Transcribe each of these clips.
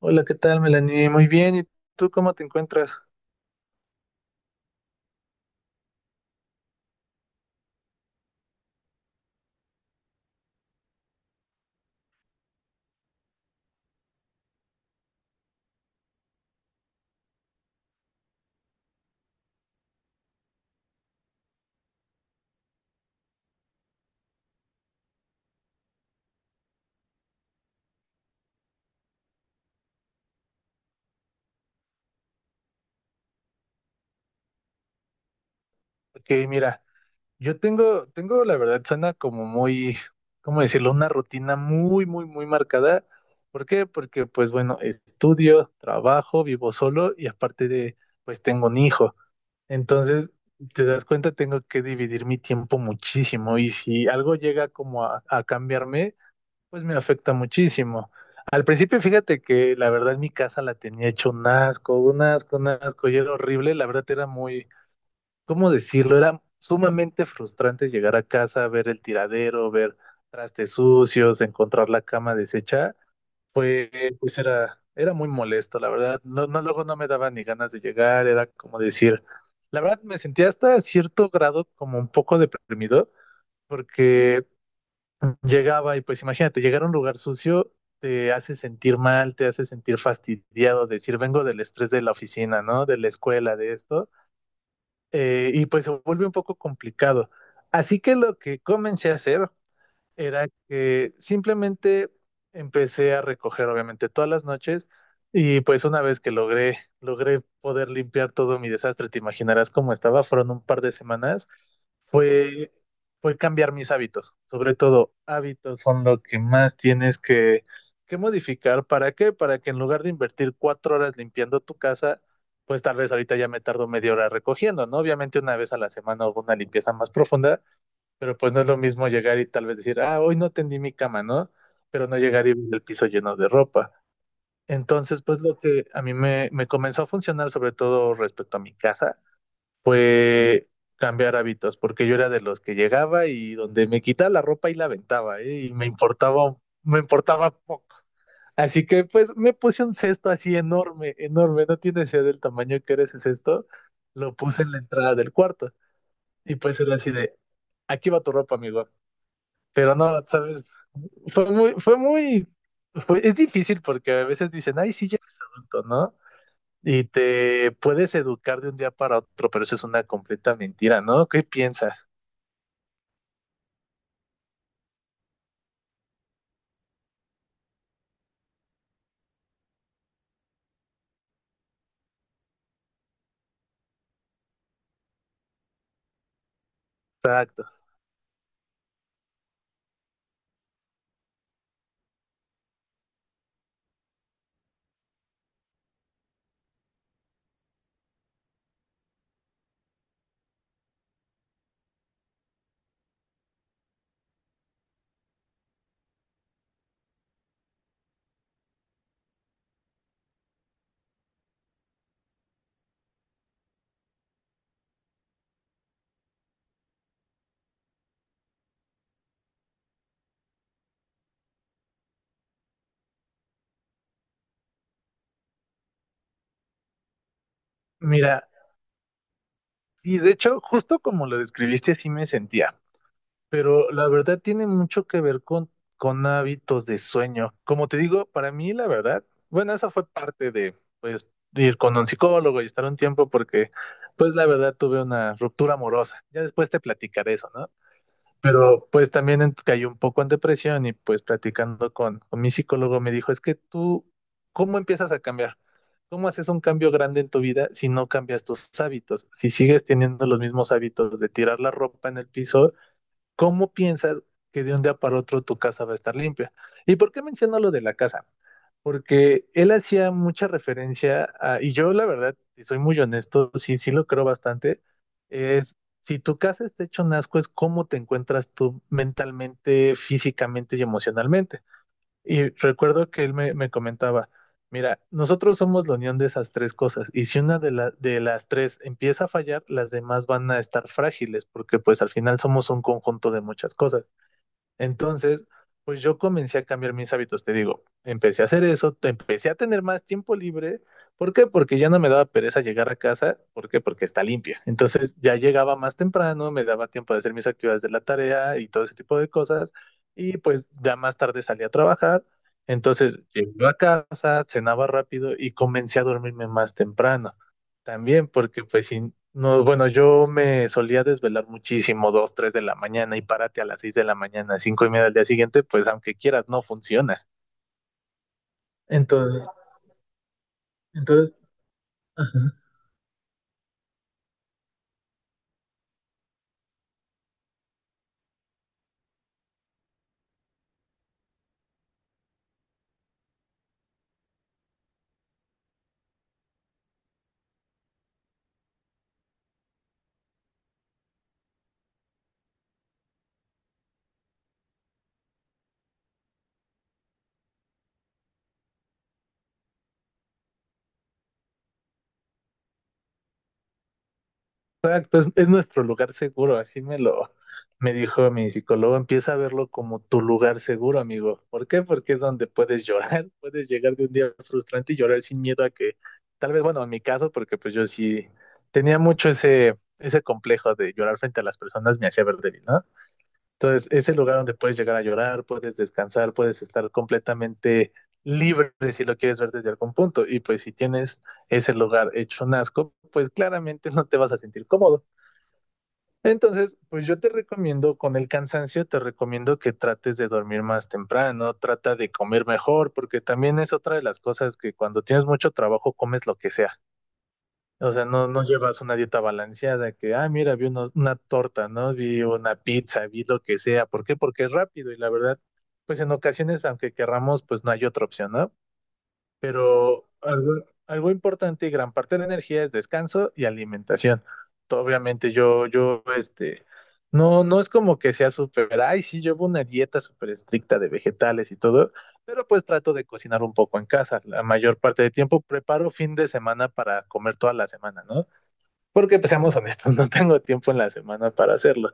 Hola, ¿qué tal, Melanie? Muy bien, ¿y tú cómo te encuentras? Ok, mira, yo tengo, la verdad, suena como muy, ¿cómo decirlo? Una rutina muy, muy, muy marcada. ¿Por qué? Porque, pues bueno, estudio, trabajo, vivo solo y aparte de, pues tengo un hijo. Entonces, te das cuenta, tengo que dividir mi tiempo muchísimo y si algo llega como a cambiarme, pues me afecta muchísimo. Al principio, fíjate que la verdad mi casa la tenía hecho un asco, un asco, un asco, y era horrible. La verdad era muy, ¿cómo decirlo? Era sumamente frustrante llegar a casa, ver el tiradero, ver trastes sucios, encontrar la cama deshecha. Pues, pues era muy molesto, la verdad. No, no, luego no me daba ni ganas de llegar, era como decir, la verdad me sentía hasta cierto grado como un poco deprimido, porque llegaba y pues imagínate, llegar a un lugar sucio te hace sentir mal, te hace sentir fastidiado, decir, vengo del estrés de la oficina, ¿no? De la escuela, de esto, y pues se vuelve un poco complicado. Así que lo que comencé a hacer era que simplemente empecé a recoger, obviamente, todas las noches, y pues una vez que logré poder limpiar todo mi desastre, te imaginarás cómo estaba, fueron un par de semanas fue, fue cambiar mis hábitos. Sobre todo, hábitos son lo que más tienes que modificar. ¿Para qué? Para que en lugar de invertir 4 horas limpiando tu casa, pues tal vez ahorita ya me tardo media hora recogiendo, ¿no? Obviamente una vez a la semana hago una limpieza más profunda, pero pues no es lo mismo llegar y tal vez decir, ah, hoy no tendí mi cama, ¿no? Pero no llegar y ver el piso lleno de ropa. Entonces, pues lo que a mí me comenzó a funcionar, sobre todo respecto a mi casa, fue cambiar hábitos, porque yo era de los que llegaba y donde me quitaba la ropa y la aventaba, ¿eh? Y me importaba poco. Así que pues me puse un cesto así enorme, enorme, no tiene idea del tamaño que era ese cesto, lo puse en la entrada del cuarto y pues era así de, aquí va tu ropa, amigo. Pero no, sabes, fue muy, fue muy, es difícil porque a veces dicen, ay, sí, ya eres adulto, ¿no? Y te puedes educar de un día para otro, pero eso es una completa mentira, ¿no? ¿Qué piensas? Exacto. Mira, y de hecho, justo como lo describiste, así me sentía, pero la verdad tiene mucho que ver con hábitos de sueño. Como te digo, para mí la verdad, bueno, esa fue parte de, pues, ir con un psicólogo y estar un tiempo porque, pues, la verdad tuve una ruptura amorosa. Ya después te platicaré eso, ¿no? Pero pues también caí un poco en depresión y pues platicando con mi psicólogo me dijo, es que tú, ¿cómo empiezas a cambiar? ¿Cómo haces un cambio grande en tu vida si no cambias tus hábitos? Si sigues teniendo los mismos hábitos de tirar la ropa en el piso, ¿cómo piensas que de un día para otro tu casa va a estar limpia? ¿Y por qué menciono lo de la casa? Porque él hacía mucha referencia a, y yo la verdad, y soy muy honesto, sí, sí lo creo bastante, es si tu casa está hecho un asco, es cómo te encuentras tú mentalmente, físicamente y emocionalmente. Y recuerdo que él me comentaba, mira, nosotros somos la unión de esas tres cosas y si una de, de las tres empieza a fallar, las demás van a estar frágiles porque pues al final somos un conjunto de muchas cosas. Entonces, pues yo comencé a cambiar mis hábitos, te digo, empecé a hacer eso, empecé a tener más tiempo libre. ¿Por qué? Porque ya no me daba pereza llegar a casa. ¿Por qué? Porque está limpia. Entonces ya llegaba más temprano, me daba tiempo de hacer mis actividades de la tarea y todo ese tipo de cosas. Y pues ya más tarde salí a trabajar. Entonces llegué a casa, cenaba rápido y comencé a dormirme más temprano. También porque pues si no, bueno, yo me solía desvelar muchísimo, 2, 3 de la mañana y párate a las 6 de la mañana, 5:30 del día siguiente, pues aunque quieras, no funciona. Entonces, entonces, ajá. Exacto, es nuestro lugar seguro, así me lo me dijo mi psicólogo, empieza a verlo como tu lugar seguro, amigo. ¿Por qué? Porque es donde puedes llorar, puedes llegar de un día frustrante y llorar sin miedo a que, tal vez, bueno, en mi caso, porque pues yo sí tenía mucho ese complejo de llorar frente a las personas, me hacía ver débil, ¿no? Entonces, es el lugar donde puedes llegar a llorar, puedes descansar, puedes estar completamente libre si lo quieres ver desde algún punto. Y pues si tienes ese lugar hecho un asco, pues claramente no te vas a sentir cómodo. Entonces, pues yo te recomiendo, con el cansancio, te recomiendo que trates de dormir más temprano, trata de comer mejor, porque también es otra de las cosas que cuando tienes mucho trabajo comes lo que sea. O sea, no, no llevas una dieta balanceada que, ah, mira, vi una torta, ¿no? Vi una pizza, vi lo que sea. ¿Por qué? Porque es rápido y la verdad, pues en ocasiones, aunque querramos, pues no hay otra opción, ¿no? Pero algo, algo importante y gran parte de la energía es descanso y alimentación. Obviamente no, no es como que sea súper, ay, sí, llevo una dieta súper estricta de vegetales y todo, pero pues trato de cocinar un poco en casa. La mayor parte del tiempo preparo fin de semana para comer toda la semana, ¿no? Porque pues seamos honestos, no tengo tiempo en la semana para hacerlo.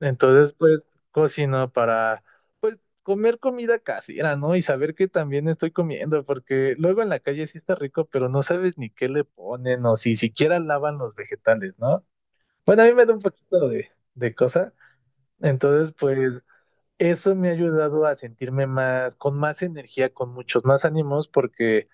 Entonces, pues cocino para pues comer comida casera, ¿no? Y saber que también estoy comiendo, porque luego en la calle sí está rico, pero no sabes ni qué le ponen o si siquiera lavan los vegetales, ¿no? Bueno, a mí me da un poquito de cosa. Entonces, pues eso me ha ayudado a sentirme más, con más energía, con muchos más ánimos, porque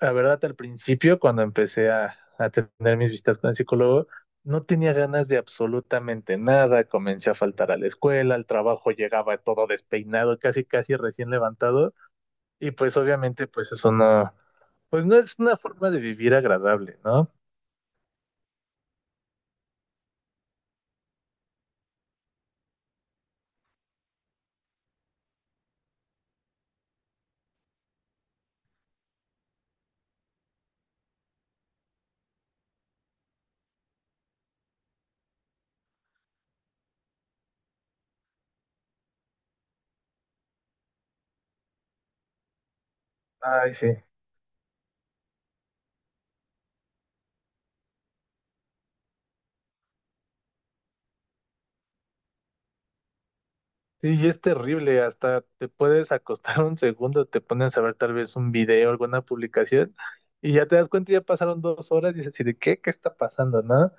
la verdad, al principio, cuando empecé a tener mis visitas con el psicólogo, no tenía ganas de absolutamente nada. Comencé a faltar a la escuela, al trabajo llegaba todo despeinado, casi, casi recién levantado. Y pues obviamente, pues eso no, pues no es una forma de vivir agradable, ¿no? Ay, sí. Sí, y es terrible, hasta te puedes acostar un segundo, te pones a ver tal vez un video, alguna publicación, y ya te das cuenta, ya pasaron 2 horas y dices, ¿y de qué? ¿Qué está pasando, no?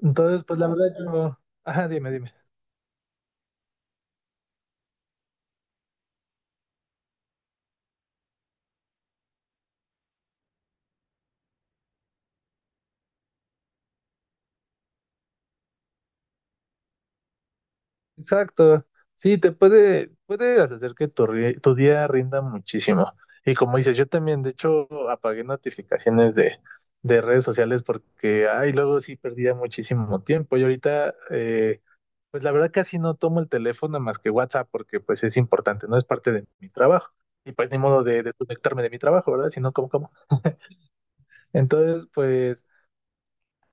Entonces, pues la verdad yo... Ajá, dime, dime. Exacto. Sí, te puede, puede hacer que tu, tu día rinda muchísimo. Y como dices, yo también, de hecho, apagué notificaciones de redes sociales porque, ay, luego sí perdía muchísimo tiempo. Y ahorita, pues la verdad casi no tomo el teléfono más que WhatsApp porque pues es importante, no es parte de mi trabajo. Y pues ni modo de desconectarme de mi trabajo, ¿verdad? Sino como, como. Entonces, pues...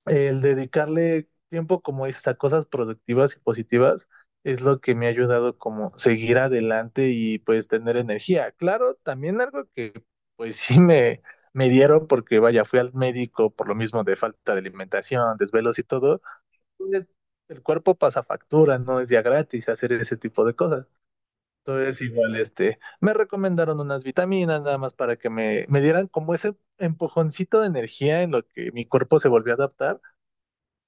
El dedicarle tiempo, como dices, a cosas productivas y positivas es lo que me ha ayudado como seguir adelante y pues tener energía. Claro, también algo que pues sí me dieron porque vaya, fui al médico por lo mismo de falta de alimentación, desvelos y todo. Pues, el cuerpo pasa factura, no es día gratis hacer ese tipo de cosas. Entonces igual este, me recomendaron unas vitaminas nada más para que me dieran como ese empujoncito de energía en lo que mi cuerpo se volvió a adaptar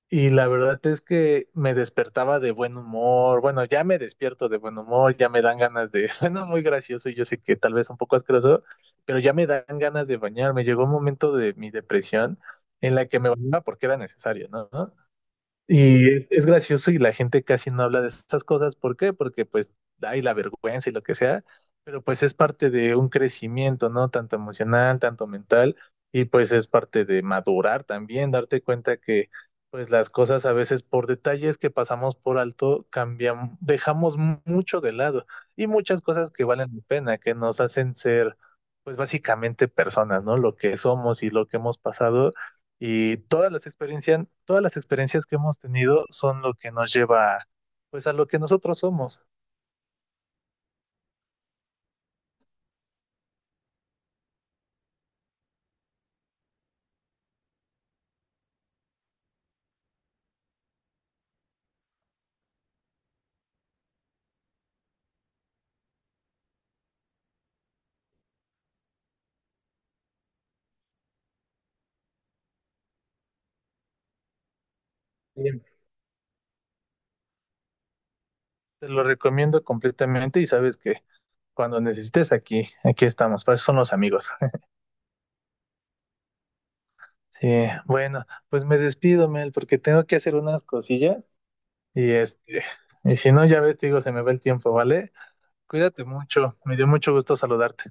y la verdad es que me despertaba de buen humor. Bueno, ya me despierto de buen humor, ya me dan ganas de... Suena muy gracioso y yo sé que tal vez un poco asqueroso, pero ya me dan ganas de bañarme. Llegó un momento de mi depresión en la que me bañaba porque era necesario, ¿no? Y es gracioso y la gente casi no habla de esas cosas. ¿Por qué? Porque pues hay la vergüenza y lo que sea, pero pues es parte de un crecimiento, ¿no? Tanto emocional, tanto mental, y pues es parte de madurar también, darte cuenta que pues las cosas a veces por detalles que pasamos por alto cambian, dejamos mucho de lado y muchas cosas que valen la pena, que nos hacen ser pues básicamente personas, ¿no? Lo que somos y lo que hemos pasado y todas las experiencias que hemos tenido son lo que nos lleva, pues, a lo que nosotros somos. Bien. Te lo recomiendo completamente y sabes que cuando necesites aquí, aquí estamos, para eso son los amigos. Sí, bueno, pues me despido, Mel, porque tengo que hacer unas cosillas y este, y si no, ya ves, te digo, se me va el tiempo, ¿vale? Cuídate mucho, me dio mucho gusto saludarte.